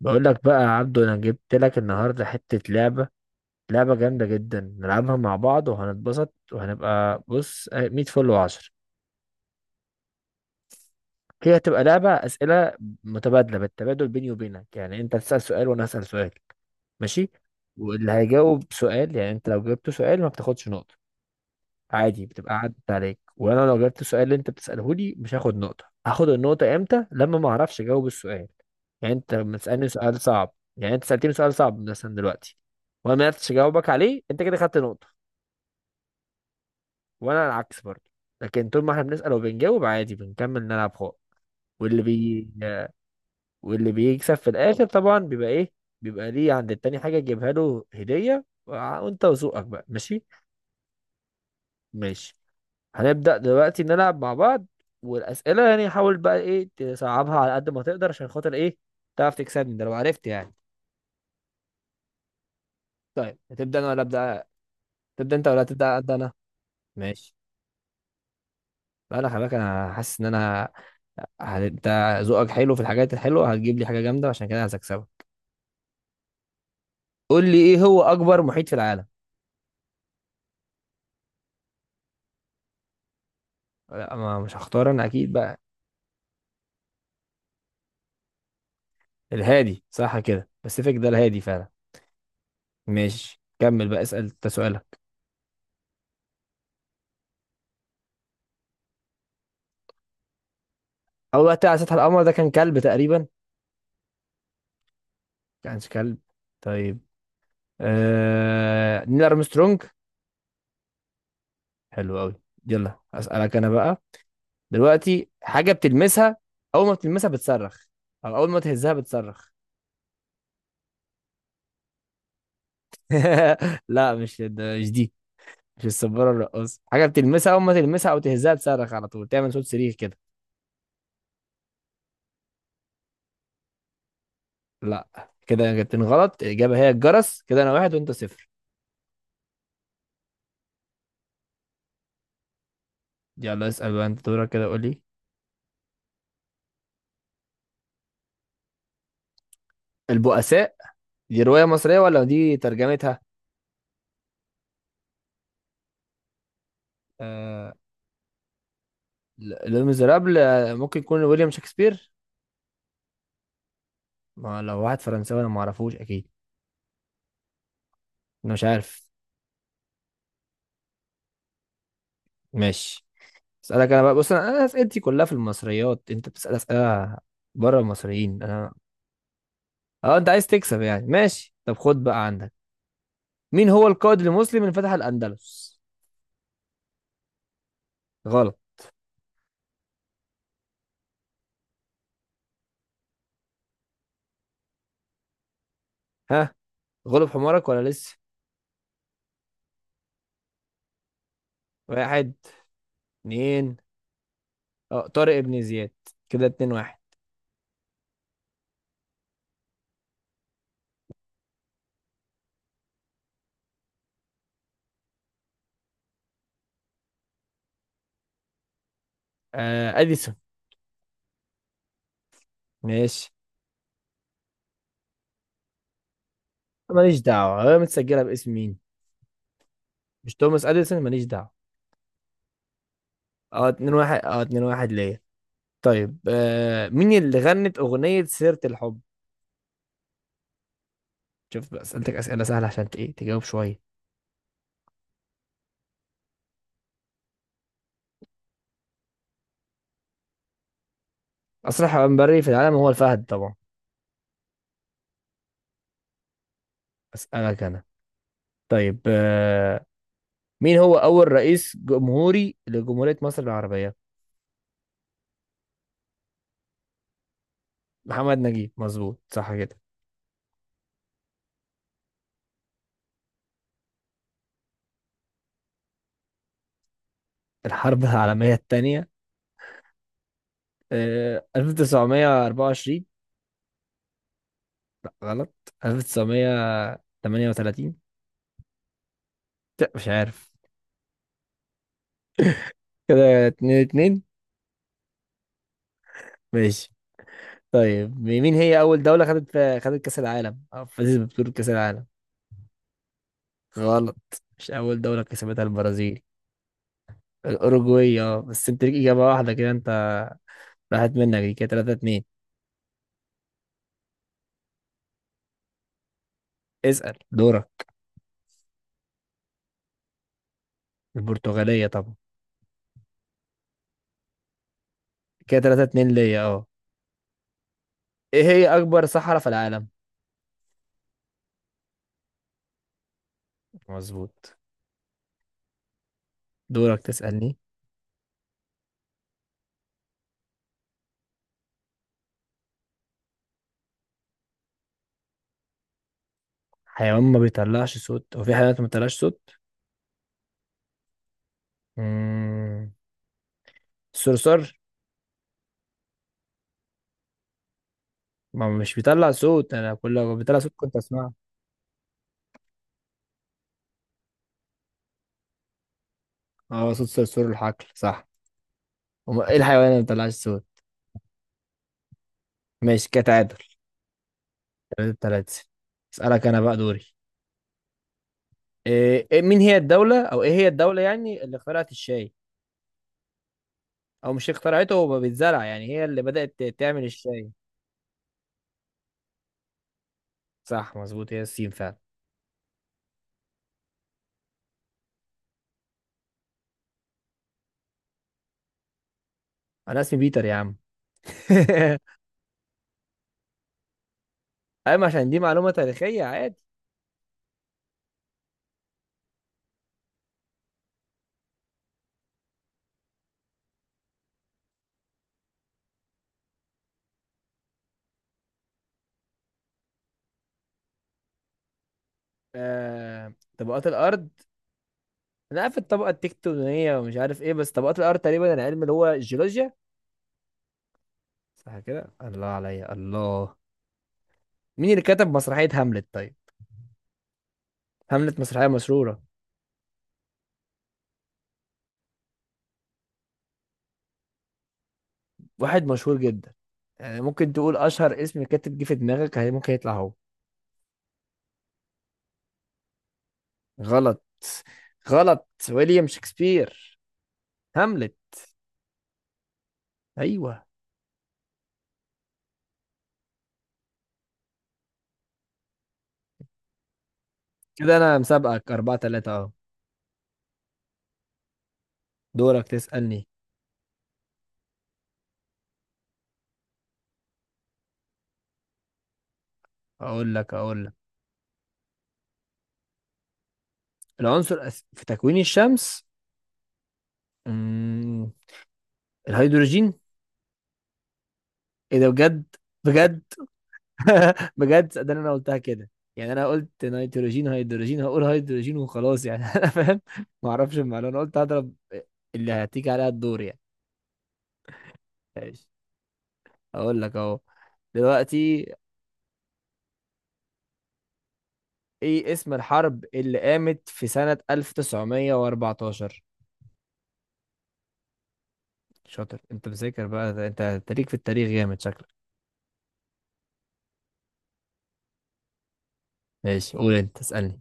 بقول لك بقى يا عبدو، انا جبت لك النهارده حته لعبه. لعبه جامده جدا، نلعبها مع بعض وهنتبسط وهنبقى بص 100 فل و10. هي هتبقى لعبه اسئله متبادله، بالتبادل بيني وبينك. يعني انت تسال سؤال وانا اسال سؤال. ماشي. واللي هيجاوب سؤال، يعني انت لو جاوبت سؤال ما بتاخدش نقطه، عادي بتبقى عدت عليك. وانا لو جبت السؤال اللي انت بتساله لي مش هاخد نقطه. هاخد النقطه امتى؟ لما ما اعرفش اجاوب السؤال. يعني انت لما تسالني سؤال صعب، يعني انت سالتني سؤال صعب مثلا دلوقتي وانا ما عرفتش اجاوبك عليه، انت كده خدت نقطه. وانا العكس برضه. لكن طول ما احنا بنسال وبنجاوب عادي بنكمل نلعب خالص. واللي بي واللي بيكسب في الاخر طبعا بيبقى ايه؟ بيبقى ليه عند التاني حاجه تجيبها له هديه. وانت وذوقك بقى ماشي. ماشي. هنبدأ دلوقتي نلعب مع بعض. والأسئلة يعني حاول بقى إيه تصعبها على قد ما تقدر عشان خاطر إيه، تعرف تكسبني، ده لو عرفت يعني. طيب هتبدأ أنا ولا أبدأ؟ تبدأ أنت ولا تبدأ أبدأ أنا؟ ماشي. بقى أنا خلي بالك، أنا حاسس إن أنا أنت ذوقك حلو في الحاجات الحلوة، هتجيب لي حاجة جامدة، عشان كده أنا هكسبك. قول لي إيه هو أكبر محيط في العالم؟ لا ما مش هختار أنا أكيد بقى. الهادي صح كده، باسيفيك ده الهادي فعلا. ماشي، كمل بقى اسأل أنت سؤالك. أول وقت على سطح القمر ده كان كلب تقريبا. كانش كلب. طيب، نيل ارمسترونج. حلو قوي. يلا اسالك انا بقى. دلوقتي حاجه بتلمسها، اول ما بتلمسها بتصرخ، او اول ما تهزها بتصرخ. لا مش ده، مش دي، مش السبوره الرقاصه. حاجه بتلمسها اول ما تلمسها او تهزها تصرخ على طول، تعمل صوت صريخ كده. لا، كده جبتين غلط، الاجابه هي الجرس. كده انا واحد وانت صفر. يلا اسال بقى، انت دورك، كده قول لي. البؤساء؟ دي روايه مصريه ولا دي ترجمتها؟ آه... لو ميزرابل. ممكن يكون ويليام شكسبير. ما لو واحد فرنساوي انا ما اعرفوش اكيد، انا مش عارف. ماشي. اسالك انا بقى. بص، انا اسئلتي كلها في المصريات، انت بتسال اسئله بره المصريين انا. اه، انت عايز تكسب يعني. ماشي، طب خد بقى عندك. مين هو القائد المسلم اللي فتح الاندلس؟ غلط. ها، غلب حمارك ولا لسه؟ واحد، اتنين. اه، طارق ابن زياد. كده اتنين واحد. آه اديسون. ماشي، ماليش دعوه انا متسجله باسم مين. مش توماس اديسون، ماليش دعوه. اه اتنين واحد، اه اتنين واحد ليا. طيب، آه، مين اللي غنت أغنية سيرة الحب؟ شوف بقى، سألتك أسئلة سهلة عشان إيه، تجاوب شوية. أسرع حيوان بري في العالم هو الفهد طبعا. أسألك أنا. طيب، آه، مين هو أول رئيس جمهوري لجمهورية مصر العربية؟ محمد نجيب، مظبوط صح كده. الحرب العالمية التانية، آه، 1924. لا غلط. 1938. لا مش عارف. كده اتنين اتنين. ماشي. طيب، مين هي أول دولة خدت، خدت كأس العالم أو فازت ببطولة كأس العالم؟ غلط. مش أول دولة كسبتها البرازيل. الأوروجواي، اه، بس أنت ليك إجابة واحدة كده، أنت راحت منك دي. كده 3-2. اسأل دورك. البرتغالية طبعا. كده 3-2 ليا اه. إيه هي أكبر صحراء في العالم؟ مظبوط. دورك تسألني. حيوان ما بيطلعش صوت. هو في حيوانات ما بتطلعش صوت؟ مم. الصرصار. ما هو مش بيطلع صوت، أنا كل لو بيطلع صوت كنت أسمعه. اه صوت صرصور الحقل صح. ايه الحيوان اللي ما بيطلعش صوت؟ ماشي كتعادل. تلاتة تلاتة. اسألك انا بقى دوري. مين هي الدولة او ايه هي الدولة يعني اللي اخترعت الشاي؟ او مش اخترعته، هو بيتزرع يعني، هي اللي بدأت تعمل الشاي. صح مظبوط، هي الصين فعلا. انا اسمي بيتر يا عم. ايوه، عشان دي معلومة تاريخية عادي. طبقات الارض. انا عارف الطبقة التكتونية ومش عارف ايه، بس طبقات الارض تقريبا العلم اللي هو الجيولوجيا. صح كده، الله عليا الله. مين اللي كتب مسرحية هاملت طيب؟ هاملت مسرحية مشهورة. واحد مشهور جدا، يعني ممكن تقول اشهر اسم كاتب جه في دماغك ممكن يطلع هو. غلط. غلط، ويليام شكسبير. هاملت. ايوه. كده انا مسابقك أربعة تلاتة اهو. دورك تسألني. اقول لك. العنصر في تكوين الشمس. مم، الهيدروجين. ايه ده بجد؟ بجد. بجد، ده انا قلتها كده يعني. انا قلت نيتروجين هيدروجين، هقول هيدروجين وخلاص يعني. انا فاهم. ما اعرفش المعلومه، أنا قلت هضرب، اللي هتيجي عليها الدور. يعني اقول لك اهو. دلوقتي، ايه اسم الحرب اللي قامت في سنة 1914؟ شاطر، انت مذاكر بقى، ده انت تاريخ في التاريخ جامد شكلك. ماشي، قول انت اسألني.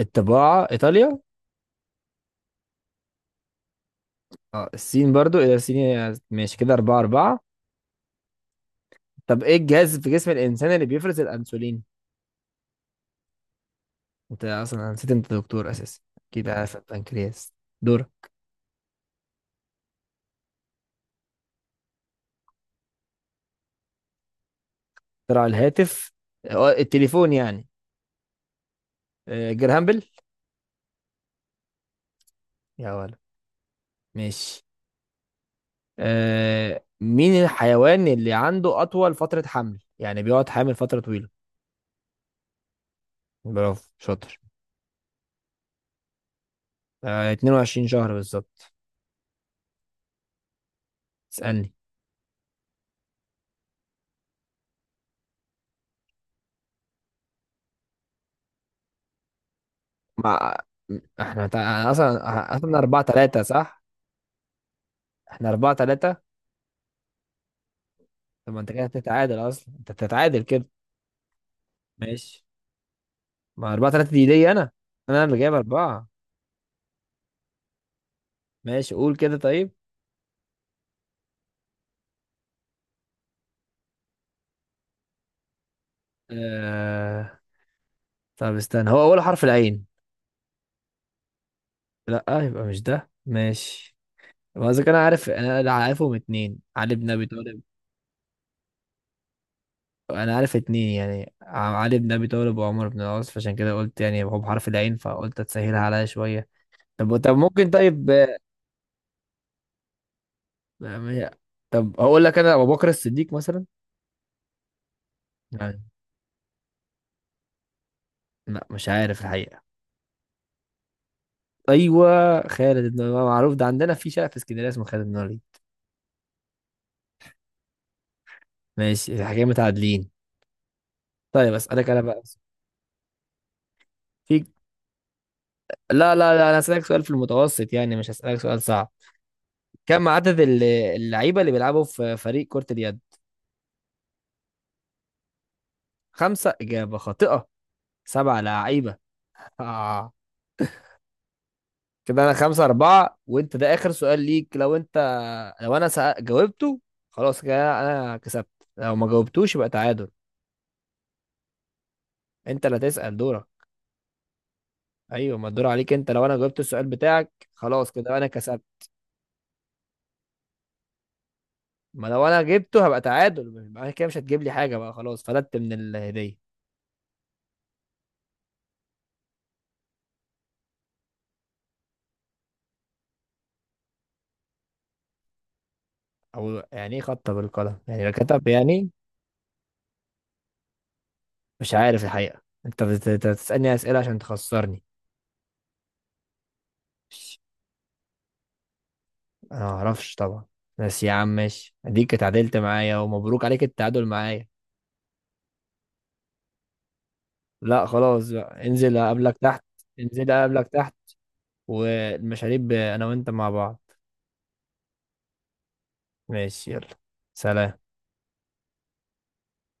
الطباعة، ايطاليا. اه، الصين، برضو الى الصين. ماشي، كده اربعة اربعة. طب ايه الجهاز في جسم الانسان اللي بيفرز الانسولين؟ انت اصلا نسيت انت دكتور اساسا، كده عارف البنكرياس. دور. اخترع الهاتف. اه، التليفون يعني. اه، جرهامبل. يا ولد، ماشي. آه، مين الحيوان اللي عنده أطول فترة حمل، يعني بيقعد حامل فترة طويلة؟ برافو شاطر. آه، 22 شهر بالظبط. اسألني. مع، اصلا اصلا 4-3 صح. احنا 4-3. طب ما انت كده بتتعادل اصلا، انت بتتعادل كده. ماشي، ما 4-3 دي ليا انا اللي جايب 4. ماشي، قول كده طيب. آه... طب استنى، هو اول حرف العين؟ لا يبقى مش ده، ماشي. هو قصدك انا عارف، انا اللي عارفهم اتنين علي بن ابي طالب. انا عارف اتنين يعني، علي بن ابي طالب وعمر بن العاص، فعشان كده قلت يعني هو بحرف العين، فقلت تسهلها عليا شويه. طب ممكن طيب، يعني- طب هقول لك انا ابو بكر الصديق مثلا يعني. لا مش عارف الحقيقه. ايوه، خالد بن الوليد معروف، ده عندنا في شارع في اسكندريه اسمه خالد بن الوليد. ماشي، الحكايه متعادلين. طيب اسالك انا بقى. في، لا, انا هسالك سؤال في المتوسط يعني، مش هسالك سؤال صعب. كم عدد اللعيبه اللي بيلعبوا في فريق كره اليد؟ خمسه اجابه خاطئه، سبعه لعيبه. آه. كده انا خمسة أربعة، وانت ده آخر سؤال ليك، لو انت، جاوبته خلاص كده انا كسبت، لو ما جاوبتوش يبقى تعادل. انت اللي هتسأل دورك. ايوه، ما الدور عليك انت. لو انا جاوبت السؤال بتاعك خلاص كده انا كسبت، ما لو انا جبته هبقى تعادل، يبقى كده مش هتجيب لي حاجة بقى، خلاص فلت من الهدية. او يعني ايه خطة بالقلم، يعني لو كتب يعني؟ مش عارف الحقيقة، انت بتسألني أسئلة عشان تخسرني. انا ما اعرفش طبعا. بس يا عم ماشي، اديك اتعادلت معايا، ومبروك عليك التعادل معايا. لا خلاص بقى، انزل اقابلك تحت. انزل اقابلك تحت والمشاريب انا وانت مع بعض. ماشي، يلا. سلام.